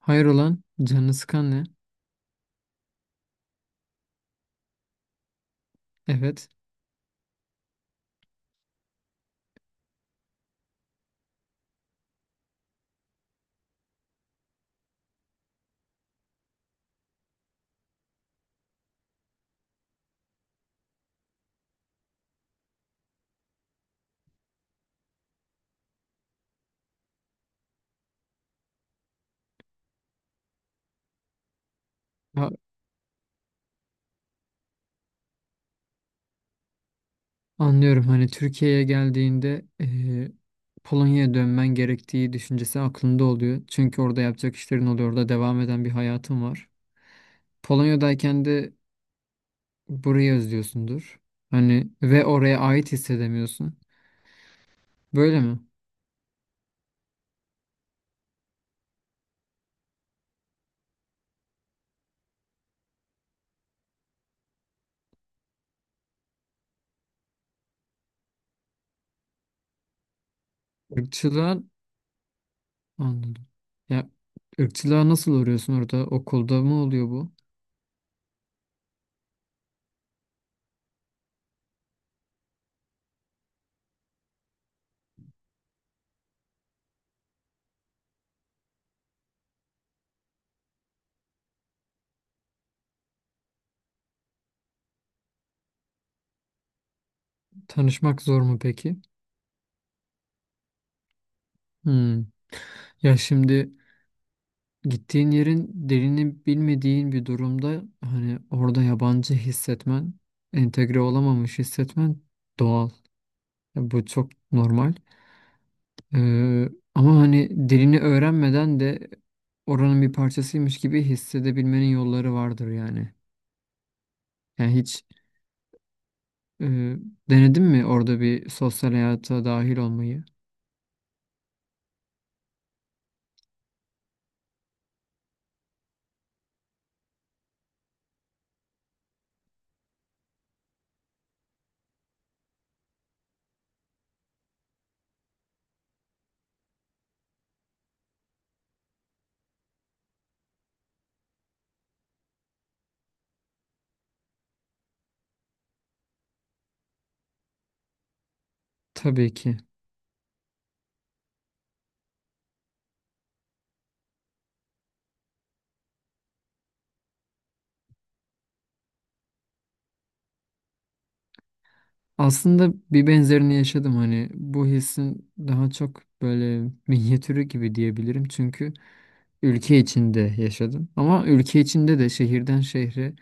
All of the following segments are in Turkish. Hayır olan canını sıkan ne? Evet. Ya, anlıyorum hani Türkiye'ye geldiğinde Polonya'ya dönmen gerektiği düşüncesi aklında oluyor. Çünkü orada yapacak işlerin oluyor. Orada devam eden bir hayatın var. Polonya'dayken de burayı özlüyorsundur. Hani ve oraya ait hissedemiyorsun. Böyle mi? Irkçılığa anladım. Ya, ırkçılığa nasıl uğruyorsun orada? Okulda mı oluyor bu? Tanışmak zor mu peki? Hmm. Ya şimdi gittiğin yerin dilini bilmediğin bir durumda hani orada yabancı hissetmen, entegre olamamış hissetmen doğal. Ya, bu çok normal. Ee, Ama hani dilini öğrenmeden de oranın bir parçasıymış gibi hissedebilmenin yolları vardır yani. Yani hiç e, denedin mi orada bir sosyal hayata dahil olmayı? Tabii ki. Aslında bir benzerini yaşadım hani bu hissin daha çok böyle minyatürü gibi diyebilirim çünkü ülke içinde yaşadım. Ama ülke içinde de şehirden şehre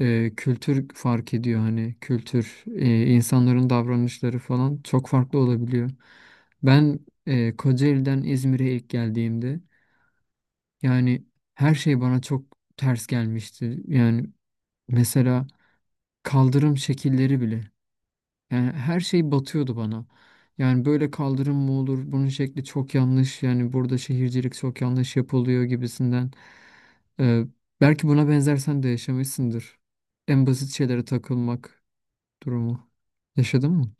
kültür fark ediyor. Hani kültür, insanların davranışları falan çok farklı olabiliyor. Ben Kocaeli'den İzmir'e ilk geldiğimde yani her şey bana çok ters gelmişti. Yani mesela kaldırım şekilleri bile. Yani her şey batıyordu bana. Yani böyle kaldırım mı olur? Bunun şekli çok yanlış. Yani burada şehircilik çok yanlış yapılıyor gibisinden. Ee, Belki buna benzer sen de yaşamışsındır. En basit şeylere takılmak durumu. Yaşadın mı?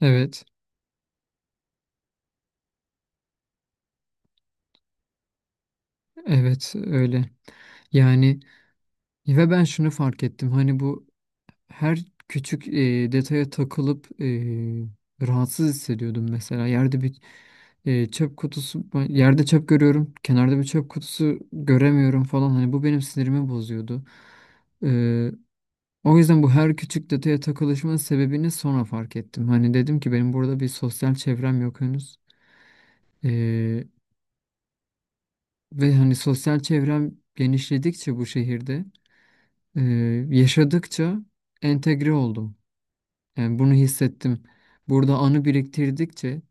Evet, evet öyle. Yani ve ben şunu fark ettim. Hani bu her küçük detaya takılıp rahatsız hissediyordum mesela. Yerde bir çöp kutusu, ben yerde çöp görüyorum, kenarda bir çöp kutusu göremiyorum falan. Hani bu benim sinirimi bozuyordu. E, O yüzden bu her küçük detaya takılışmanın sebebini sonra fark ettim. Hani dedim ki benim burada bir sosyal çevrem yok henüz. E, Ve hani sosyal çevrem genişledikçe bu şehirde, e, yaşadıkça entegre oldum. Yani bunu hissettim. Burada anı biriktirdikçe,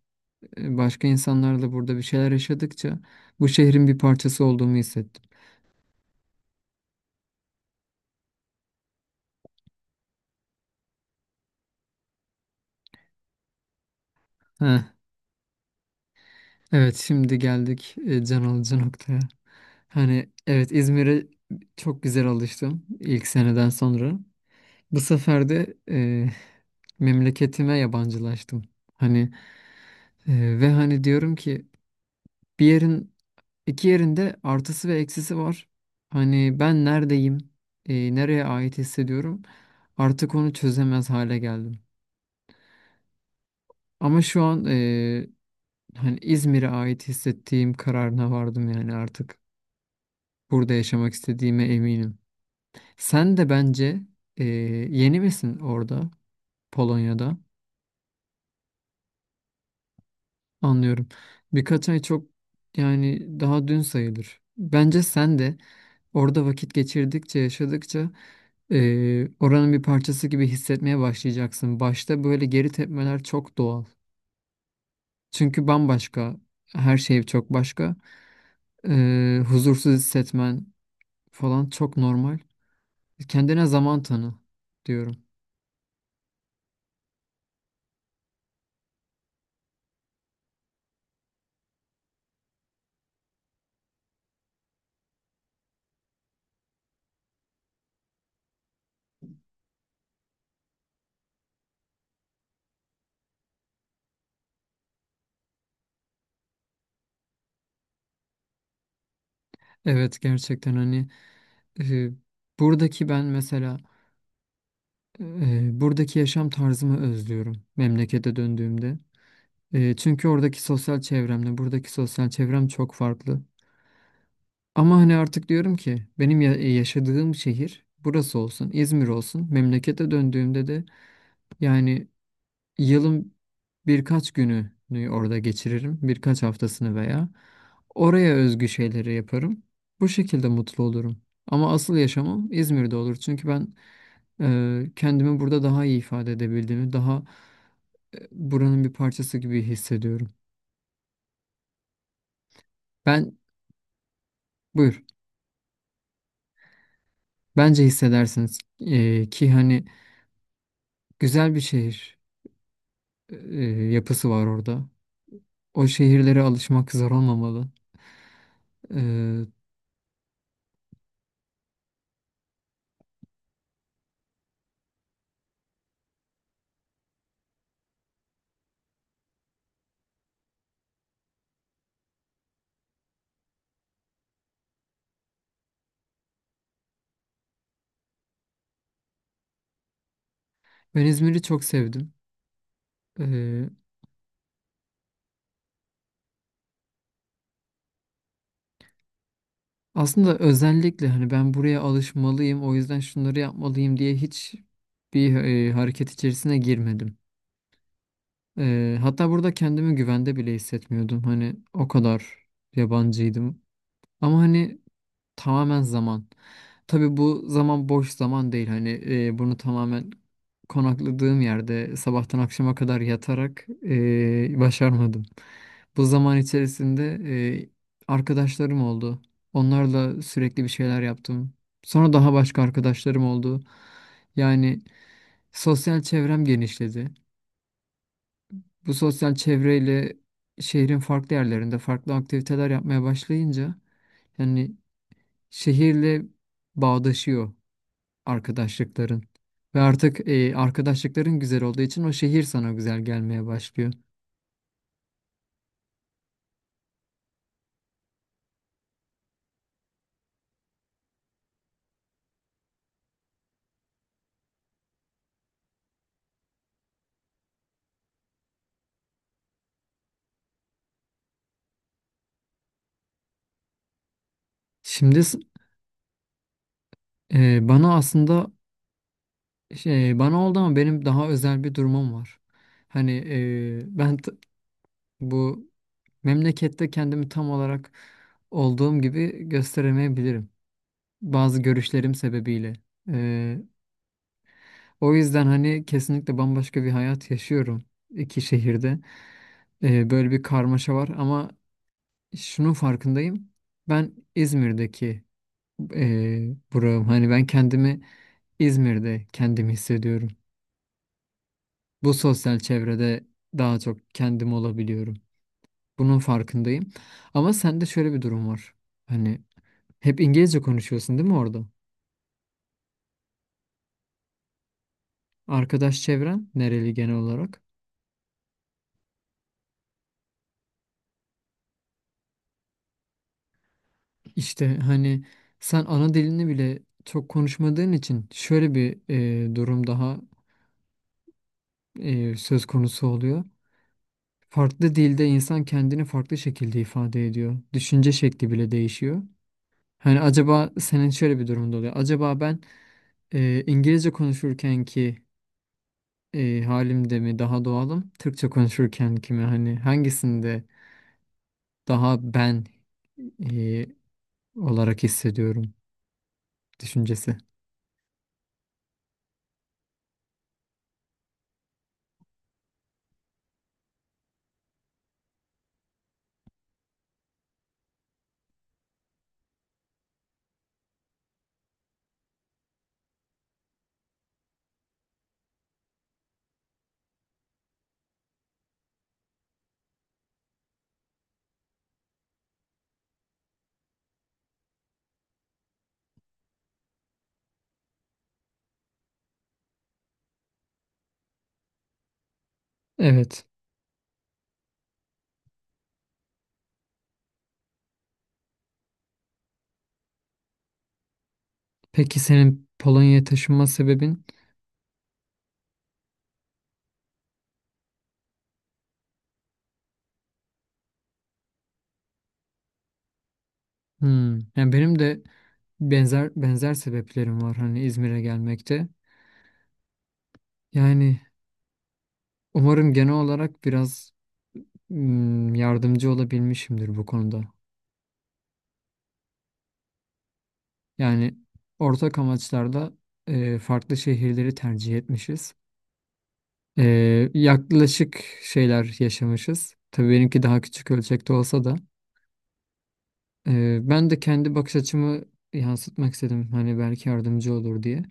başka insanlarla burada bir şeyler yaşadıkça bu şehrin bir parçası olduğumu hissettim. Heh, evet şimdi geldik can alıcı noktaya. Hani evet İzmir'e çok güzel alıştım ilk seneden sonra. Bu sefer de memleketime yabancılaştım. Hani ve hani diyorum ki bir yerin İki yerinde artısı ve eksisi var. Hani ben neredeyim, nereye ait hissediyorum artık onu çözemez hale geldim. Ama şu an hani İzmir'e ait hissettiğim kararına vardım yani artık burada yaşamak istediğime eminim. Sen de bence e, yeni misin orada Polonya'da? Anlıyorum. Birkaç ay çok, yani daha dün sayılır. Bence sen de orada vakit geçirdikçe, yaşadıkça oranın bir parçası gibi hissetmeye başlayacaksın. Başta böyle geri tepmeler çok doğal. Çünkü bambaşka, her şey çok başka. Huzursuz hissetmen falan çok normal. Kendine zaman tanı diyorum. Evet, gerçekten hani eee, buradaki ben mesela buradaki yaşam tarzımı özlüyorum memlekete döndüğümde. Çünkü oradaki sosyal çevremle buradaki sosyal çevrem çok farklı. Ama hani artık diyorum ki benim yaşadığım şehir burası olsun, İzmir olsun. Memlekete döndüğümde de yani yılın birkaç gününü orada geçiririm, birkaç haftasını veya oraya özgü şeyleri yaparım. Bu şekilde mutlu olurum. Ama asıl yaşamım İzmir'de olur. Çünkü ben kendimi burada daha iyi ifade edebildiğimi, daha buranın bir parçası gibi hissediyorum. Ben buyur. Bence hissedersiniz. Ki hani güzel bir şehir. e, Yapısı var orada. O şehirlere alışmak zor olmamalı. E, ben İzmir'i çok sevdim. E, Aslında özellikle hani ben buraya alışmalıyım, o yüzden şunları yapmalıyım diye hiç bir hareket içerisine girmedim. Hatta burada kendimi güvende bile hissetmiyordum. Hani o kadar yabancıydım. Ama hani tamamen zaman. Tabii bu zaman boş zaman değil. Hani bunu tamamen konakladığım yerde sabahtan akşama kadar yatarak başarmadım. Bu zaman içerisinde e, arkadaşlarım oldu. Onlarla sürekli bir şeyler yaptım. Sonra daha başka arkadaşlarım oldu. Yani sosyal çevrem genişledi. Bu sosyal çevreyle şehrin farklı yerlerinde farklı aktiviteler yapmaya başlayınca yani şehirle bağdaşıyor arkadaşlıkların. Ve artık arkadaşlıkların güzel olduğu için o şehir sana güzel gelmeye başlıyor. Şimdi bana aslında şey, bana oldu ama benim daha özel bir durumum var. Hani ben bu memlekette kendimi tam olarak olduğum gibi gösteremeyebilirim. Bazı görüşlerim sebebiyle. E, O yüzden hani kesinlikle bambaşka bir hayat yaşıyorum iki şehirde. Böyle bir karmaşa var ama şunun farkındayım. Ben İzmir'deki buram. Hani ben kendimi kendimi hissediyorum. Bu sosyal çevrede daha çok kendim olabiliyorum. Bunun farkındayım. Ama sende şöyle bir durum var. Hani hep İngilizce konuşuyorsun değil mi orada? Arkadaş çevren nereli genel olarak? İşte hani sen ana dilini bile çok konuşmadığın için şöyle bir durum daha söz konusu oluyor. Farklı dilde insan kendini farklı şekilde ifade ediyor. Düşünce şekli bile değişiyor. Hani acaba senin şöyle bir durumda oluyor. Acaba ben İngilizce konuşurken ki halimde mi daha doğalım? Türkçe konuşurken ki mi? Hani hangisinde daha ben e, olarak hissediyorum düşüncesi. Evet. Peki senin Polonya'ya taşınma sebebin? Hmm. Yani benim de benzer benzer sebeplerim var hani İzmir'e gelmekte. Yani umarım genel olarak biraz yardımcı olabilmişimdir bu konuda. Yani ortak amaçlarda farklı şehirleri tercih etmişiz. E, Yaklaşık şeyler yaşamışız. Tabii benimki daha küçük ölçekte olsa da. Ben de kendi bakış açımı yansıtmak istedim. Hani belki yardımcı olur diye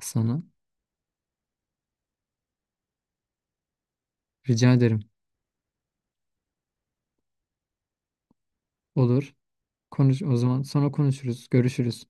sana. Rica ederim. Olur. Konuş o zaman, sonra konuşuruz, görüşürüz.